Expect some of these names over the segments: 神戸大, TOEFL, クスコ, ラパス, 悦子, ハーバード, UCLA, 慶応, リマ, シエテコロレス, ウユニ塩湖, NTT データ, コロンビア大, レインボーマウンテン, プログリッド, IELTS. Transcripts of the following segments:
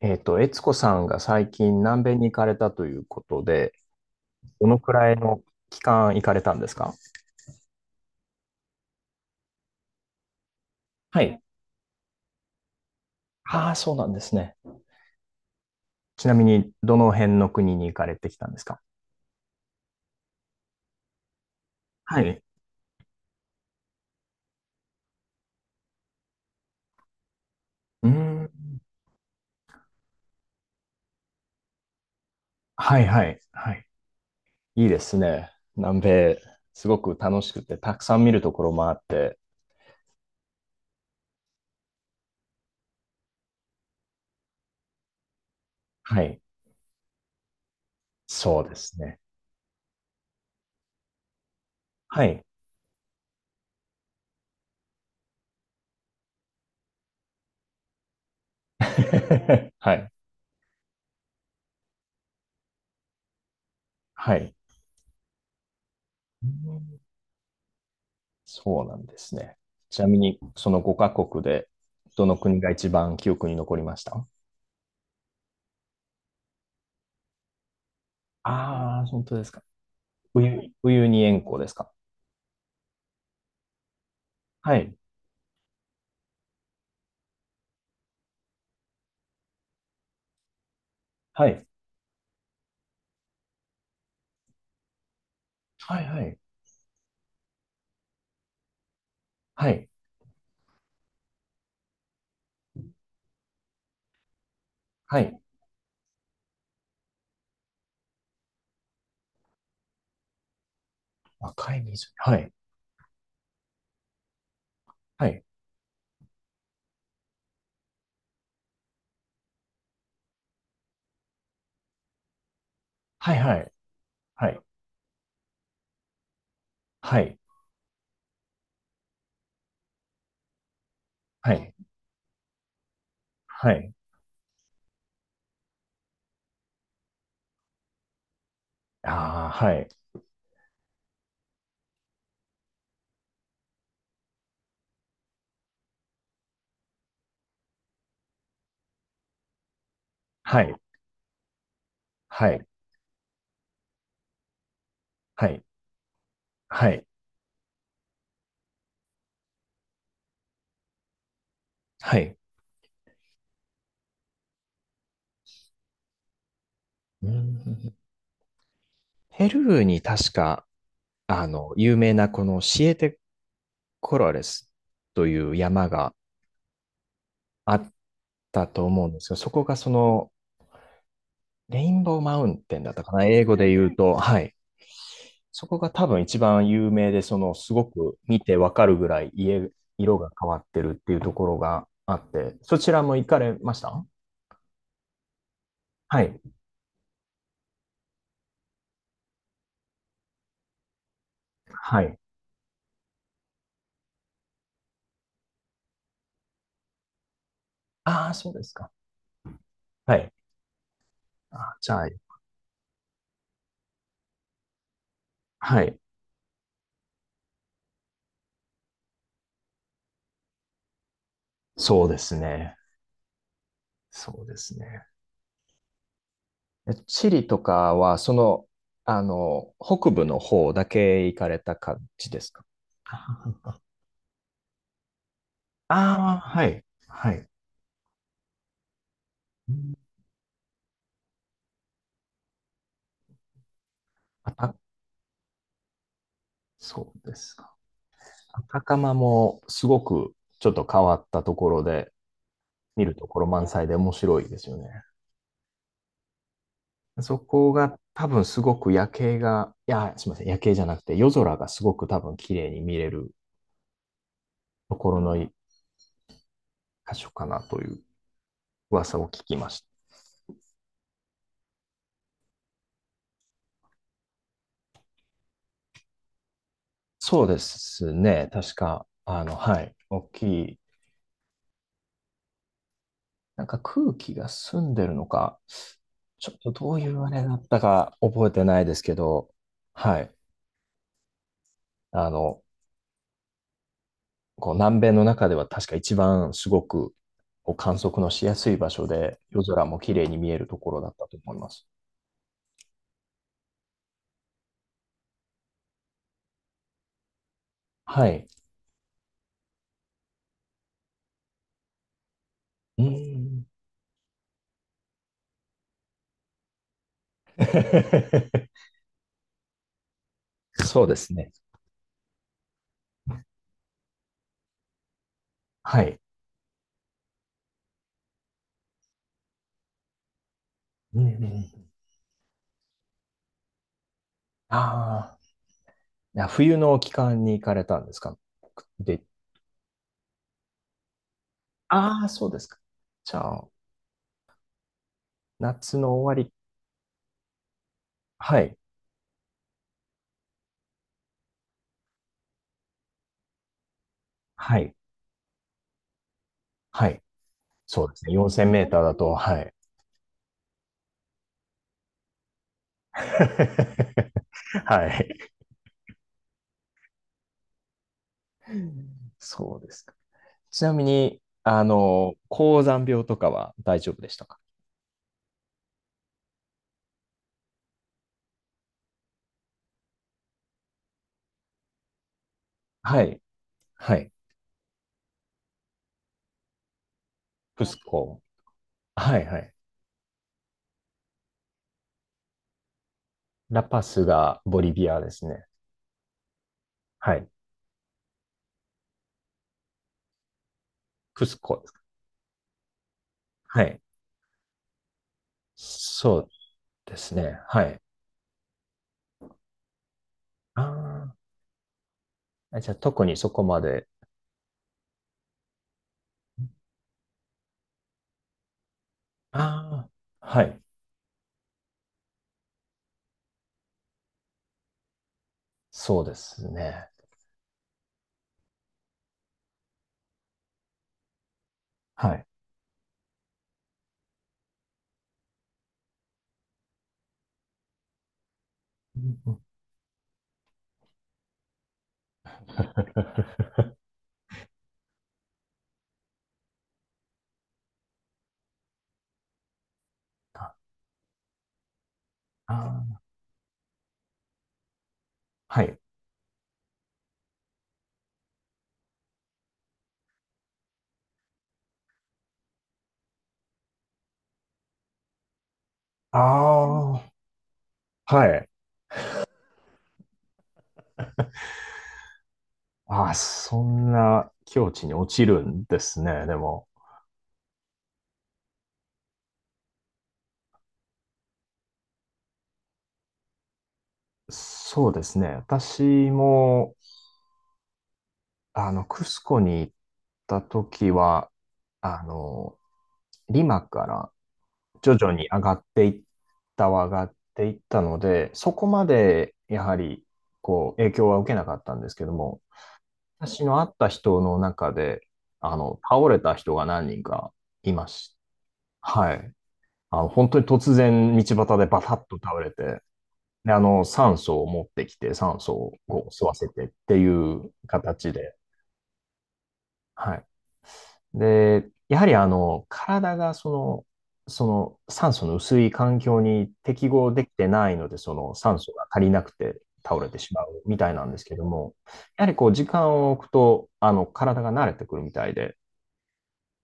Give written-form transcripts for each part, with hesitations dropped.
悦子さんが最近南米に行かれたということで、どのくらいの期間行かれたんですか？はい。ああ、そうなんですね。ちなみに、どの辺の国に行かれてきたんですか？はい。うーん。はいはい。はい。いいですね。南米、すごく楽しくて、たくさん見るところもあって。はい。そうですね。はい。はい。はい。うん、そうなんですね。ちなみに、その5カ国で、どの国が一番記憶に残りました？ああー、本当ですか。ウユニ塩湖ですか。はい。はい。はいはい。はい。はい。赤い湖。はい。はい。はい。はい。はい。はい。はい。はい。ああ、はい。はい。はい。はい。はい。はい。うん。ペルーに確か、有名なこのシエテコロレスという山があったと思うんですよ。そこがその、レインボーマウンテンだったかな、英語で言うと、はい。そこが多分一番有名で、その、すごく見てわかるぐらい家、色が変わってるっていうところがあって、そちらも行かれました？はい。はい。ああ、そうですか。はい。あ、じゃあ、はい。そうですね。そうですね。えチリとかは、その、北部の方だけ行かれた感じですか？あ、ああ、はい。はい。うん、あた、そうですか。赤釜もすごくちょっと変わったところで、見るところ満載で面白いですよね。そこが多分すごく夜景が、いや、すみません、夜景じゃなくて夜空がすごく多分綺麗に見れるところの一箇所かなという噂を聞きました。そうですね、確か、はい、大きい、なんか空気が澄んでるのか、ちょっとどういうあれだったか覚えてないですけど、はい。あの、こう南米の中では確か一番すごくこう観測のしやすい場所で、夜空も綺麗に見えるところだったと思います。はい。うーん。そうですね。はい。うんうん。ああ、いや冬の期間に行かれたんですか僕で、ああ、そうですか。じゃあ、夏の終わり。はい。はい。はい。そうですね。4000メーターだと、はい。はい。そうですか。ちなみに、高山病とかは大丈夫でしたか？はい。はい。クスコ。はいはい。ラパスがボリビアですね。はい。クスコですか。はい。そうですね。はい。ああ。じゃあ特にそこまで。ああ。はい。そうですね。はい。うんうん、ああー。はい。ああ。はい。ああ、そんな境地に落ちるんですね。でも、そうですね。私も、クスコに行った時は、あの、リマから徐々に上がっていったので、そこまでやはり、こう、影響は受けなかったんですけども、私の会った人の中で、倒れた人が何人かいました。はい。本当に突然道端でバタッと倒れて、で、酸素を持ってきて、酸素をこう吸わせてっていう形で、はい。で、やはり体がその、その酸素の薄い環境に適合できてないので、その酸素が足りなくて倒れてしまうみたいなんですけども、やはりこう時間を置くと、体が慣れてくるみたいで、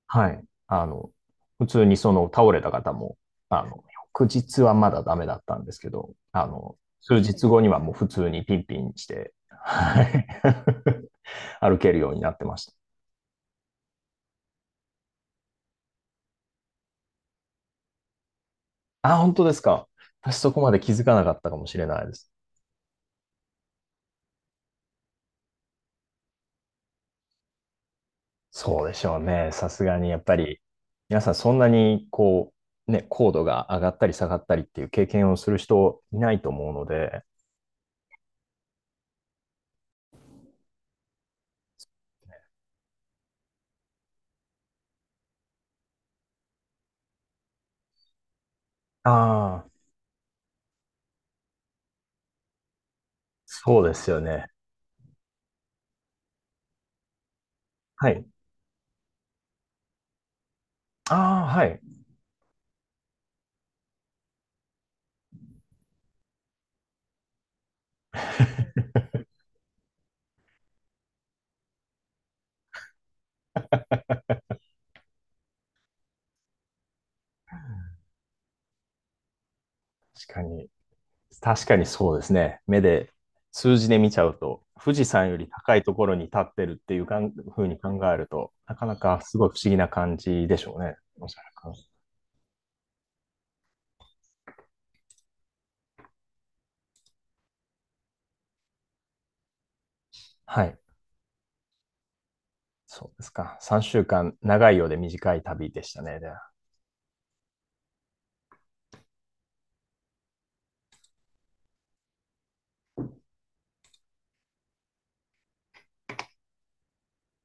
はい。普通にその倒れた方も、あの、翌日はまだダメだったんですけど、数日後にはもう普通にピンピンして、はい。歩けるようになってました。あ、本当ですか。私そこまで気づかなかったかもしれないです。そうでしょうね。さすがにやっぱり、皆さんそんなにこう、ね、高度が上がったり下がったりっていう経験をする人いないと思うので、ああ、そうですよね。はい。ああ、はい。確かに。確かにそうですね。目で、数字で見ちゃうと、富士山より高いところに立ってるっていうかんふうに考えると、なかなかすごい不思議な感じでしょうね。おそらく。はい。そうですか。3週間、長いようで短い旅でしたね。では